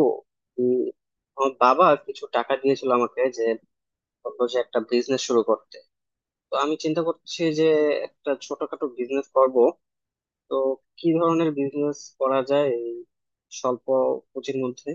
ও উম, আমার বাবা কিছু টাকা দিয়েছিল আমাকে, যে বললো যে একটা বিজনেস শুরু করতে। তো আমি চিন্তা করছি যে একটা ছোটখাটো বিজনেস করব। তো কি ধরনের বিজনেস করা যায় এই স্বল্প পুঁজির মধ্যে?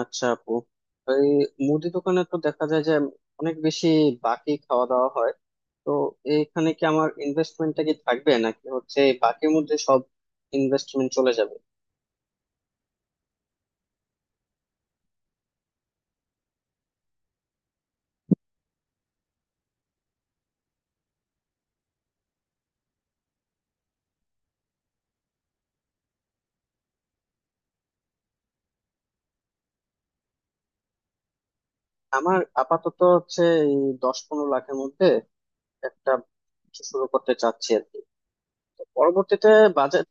আচ্ছা আপু, এই মুদি দোকানে তো দেখা যায় যে অনেক বেশি বাকি খাওয়া দাওয়া হয়। তো এইখানে কি আমার ইনভেস্টমেন্টটা কি থাকবে নাকি হচ্ছে এই বাকির মধ্যে সব ইনভেস্টমেন্ট চলে যাবে? আমার আপাতত হচ্ছে এই 10-15 লাখের মধ্যে একটা কিছু শুরু করতে চাচ্ছি আর কি। তো পরবর্তীতে বাজেট।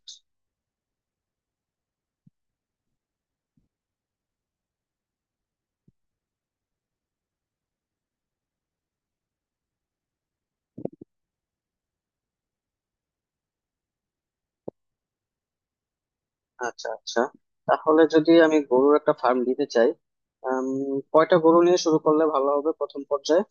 আচ্ছা আচ্ছা, তাহলে যদি আমি গরুর একটা ফার্ম দিতে চাই, আম, কয়টা গরু নিয়ে শুরু করলে ভালো হবে প্রথম পর্যায়ে?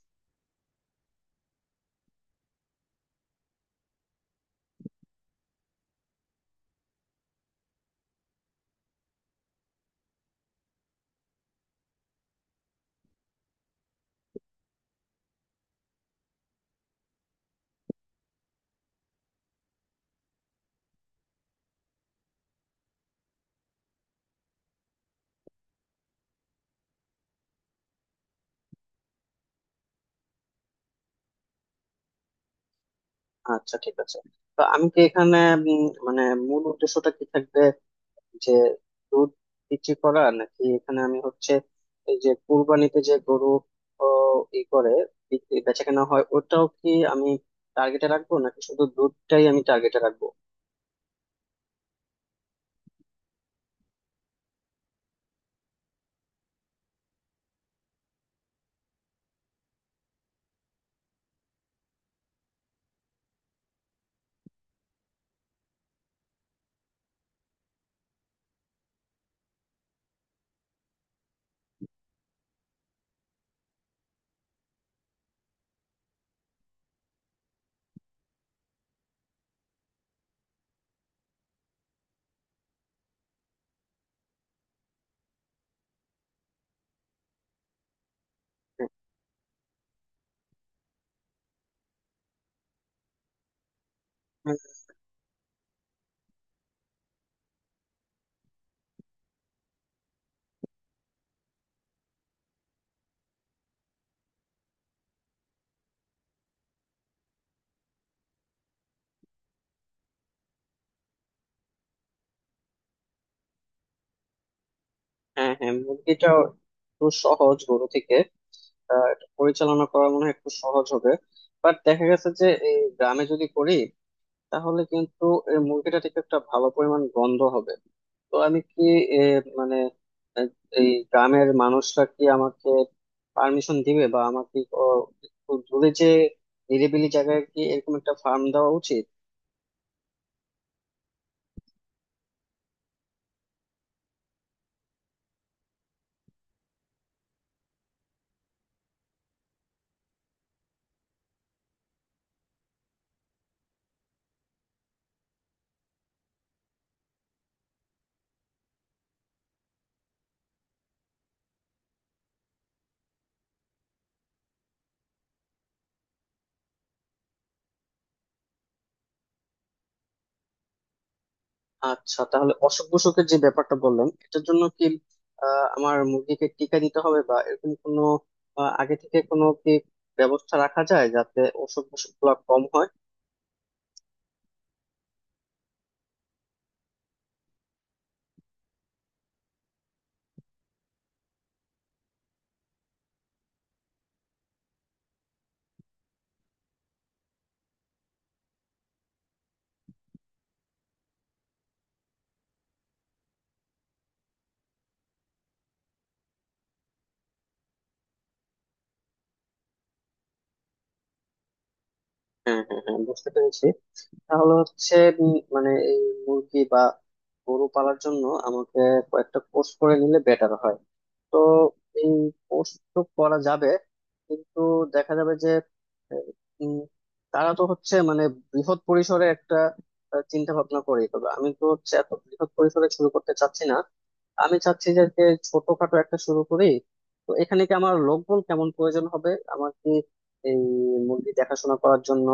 আচ্ছা ঠিক আছে। তো আমি কি এখানে মানে মূল উদ্দেশ্যটা কি থাকবে, যে দুধ বিক্রি করা নাকি এখানে আমি হচ্ছে এই যে কুরবানিতে যে গরু ও, ই করে বিক্রি বেচা কেনা হয় ওটাও কি আমি টার্গেটে রাখবো, নাকি শুধু দুধটাই আমি টার্গেটে রাখবো? হ্যাঁ হ্যাঁ, মুরগিটা একটু সহজ গরু থেকে। এটা পরিচালনা করা মনে হয় একটু সহজ হবে। বাট দেখা গেছে যে এই গ্রামে যদি করি তাহলে কিন্তু এই মুরগিটা থেকে একটা ভালো পরিমাণ গন্ধ হবে। তো আমি কি এ, মানে আহ, এই গ্রামের মানুষরা কি আমাকে পারমিশন দিবে, বা আমাকে একটু দূরে যে নিরিবিলি জায়গায় কি এরকম একটা ফার্ম দেওয়া উচিত? আচ্ছা, তাহলে অসুখ বিসুখের যে ব্যাপারটা বললেন, এটার জন্য কি আমার মুরগিকে টিকা দিতে হবে, বা এরকম কোনো আগে থেকে কোনো কি ব্যবস্থা রাখা যায় যাতে অসুখ বিসুখ গুলা কম হয়? হ্যাঁ হ্যাঁ হ্যাঁ, বুঝতে পেরেছি। তাহলে হচ্ছে মানে এই মুরগি বা গরু পালার জন্য আমাকে কয়েকটা কোর্স করে নিলে বেটার হয়। তো এই কোর্স তো করা যাবে, কিন্তু দেখা যাবে যে আহ, উম, তারা তো হচ্ছে মানে বৃহৎ পরিসরে একটা চিন্তা ভাবনা করে, তবে আমি তো হচ্ছে এত বৃহৎ পরিসরে শুরু করতে চাচ্ছি না। আমি চাচ্ছি যে যে ছোটখাটো একটা শুরু করি। তো এখানে কি আমার লোকবল কেমন প্রয়োজন হবে? আমার কি এই মুরগি দেখাশোনা করার জন্য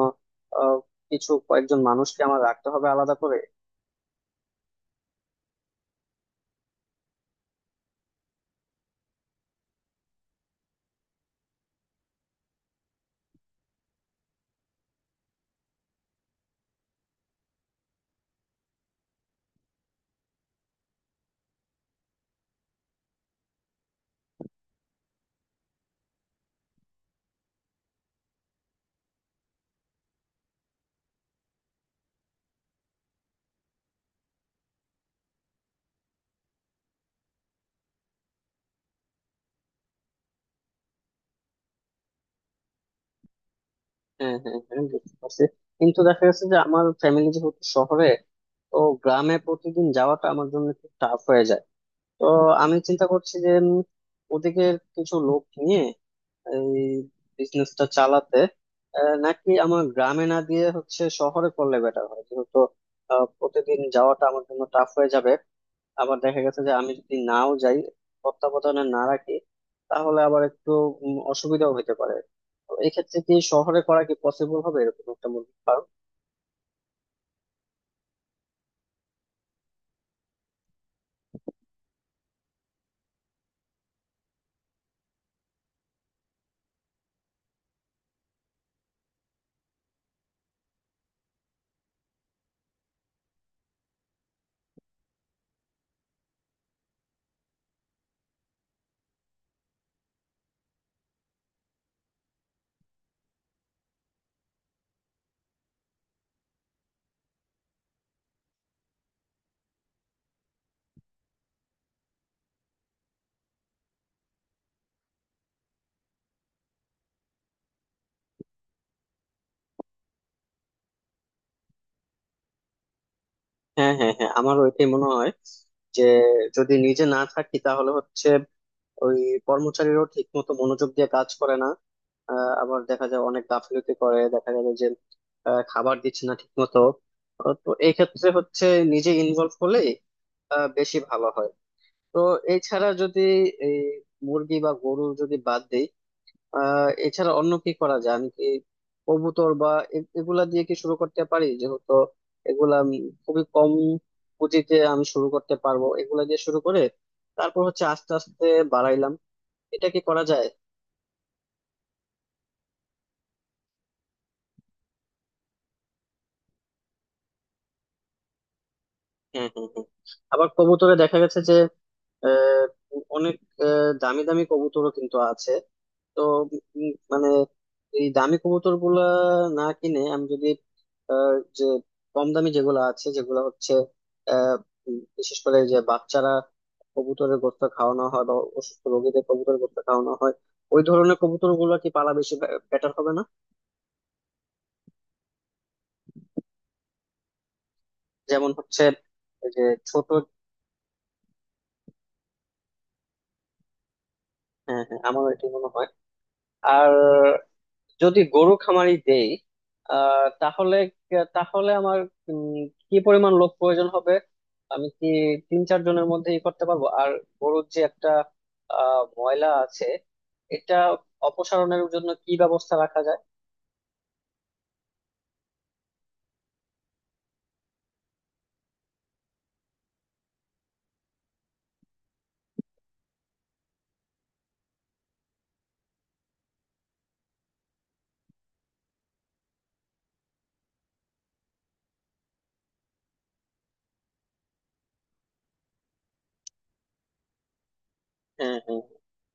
কিছু কয়েকজন মানুষকে আমার রাখতে হবে আলাদা করে? হ্যাঁ হ্যাঁ হ্যাঁ, বুঝতে পারছি। কিন্তু দেখা গেছে যে আমার ফ্যামিলি যেহেতু শহরে, তো গ্রামে প্রতিদিন যাওয়াটা আমার জন্য একটু টাফ হয়ে যায়। তো আমি চিন্তা করছি যে ওদিকে কিছু লোক নিয়ে এই বিজনেসটা চালাতে, নাকি আমার গ্রামে না দিয়ে হচ্ছে শহরে করলে বেটার হয়, যেহেতু প্রতিদিন যাওয়াটা আমার জন্য টাফ হয়ে যাবে। আবার দেখা গেছে যে আমি যদি নাও যাই, তত্ত্বাবধানে না রাখি, তাহলে আবার একটু অসুবিধাও হতে পারে। তো এক্ষেত্রে কি শহরে করা কি পসিবল হবে এরকম একটা মুরগির ফার্ম? হ্যাঁ হ্যাঁ হ্যাঁ, আমার ওইটাই মনে হয়, যে যদি নিজে না থাকি তাহলে হচ্ছে ওই কর্মচারীরাও ঠিক মতো মনোযোগ দিয়ে কাজ করে না। আবার দেখা যায় অনেক গাফিলতি করে, দেখা যাবে যে খাবার দিচ্ছে না ঠিক মতো। তো এই ক্ষেত্রে হচ্ছে নিজে ইনভলভ হলে বেশি ভালো হয়। তো এছাড়া যদি এই মুরগি বা গরু যদি বাদ দেই, এছাড়া অন্য কি করা যায়? আমি কি কবুতর বা এগুলা দিয়ে কি শুরু করতে পারি, যেহেতু এগুলা আমি খুবই কম পুঁজিতে আমি শুরু করতে পারবো? এগুলা দিয়ে শুরু করে তারপর হচ্ছে আস্তে আস্তে বাড়াইলাম, এটা কি করা যায়? হ্যাঁ হ্যাঁ হ্যাঁ। আবার কবুতরে দেখা গেছে যে আহ, অনেক দামি দামি কবুতরও কিন্তু আছে। তো মানে এই দামি কবুতর গুলা না কিনে আমি যদি আহ, যে কম দামি যেগুলো আছে, যেগুলো হচ্ছে আহ, বিশেষ করে যে বাচ্চারা কবুতরের গোস্ত খাওয়ানো হয়, বা অসুস্থ রোগীদের কবুতরের গোস্ত খাওয়ানো হয়, ওই ধরনের কবুতর গুলো কি পালা বেশি বেটার হবে না? যেমন হচ্ছে এই যে ছোট। হ্যাঁ হ্যাঁ, আমার এটি মনে হয়। আর যদি গরু খামারি দেই তাহলে তাহলে আমার উম, কি পরিমাণ লোক প্রয়োজন হবে? আমি কি তিন চার জনের মধ্যে ই করতে পারবো? আর গরুর যে একটা ময়লা আছে, এটা অপসারণের জন্য কি ব্যবস্থা রাখা যায়? হ্যাঁ হ্যাঁ,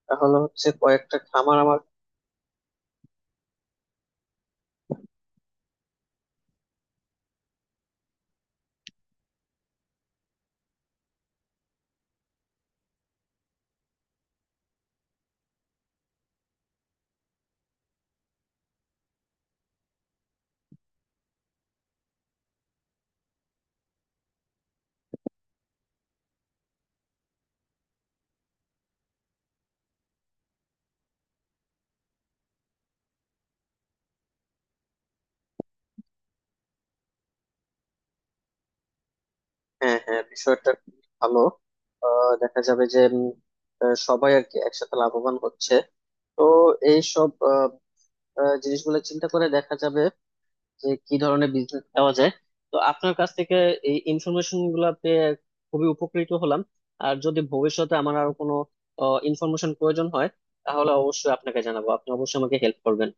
তাহলে হচ্ছে কয়েকটা খামার আমার। হ্যাঁ হ্যাঁ, বিষয়টা খুব ভালো। দেখা যাবে যে সবাই আর কি একসাথে লাভবান হচ্ছে। তো এইসব জিনিসগুলো চিন্তা করে দেখা যাবে যে কি ধরনের বিজনেস পাওয়া যায়। তো আপনার কাছ থেকে এই ইনফরমেশন গুলা পেয়ে খুবই উপকৃত হলাম। আর যদি ভবিষ্যতে আমার আরো কোনো ইনফরমেশন প্রয়োজন হয়, তাহলে অবশ্যই আপনাকে জানাবো, আপনি অবশ্যই আমাকে হেল্প করবেন।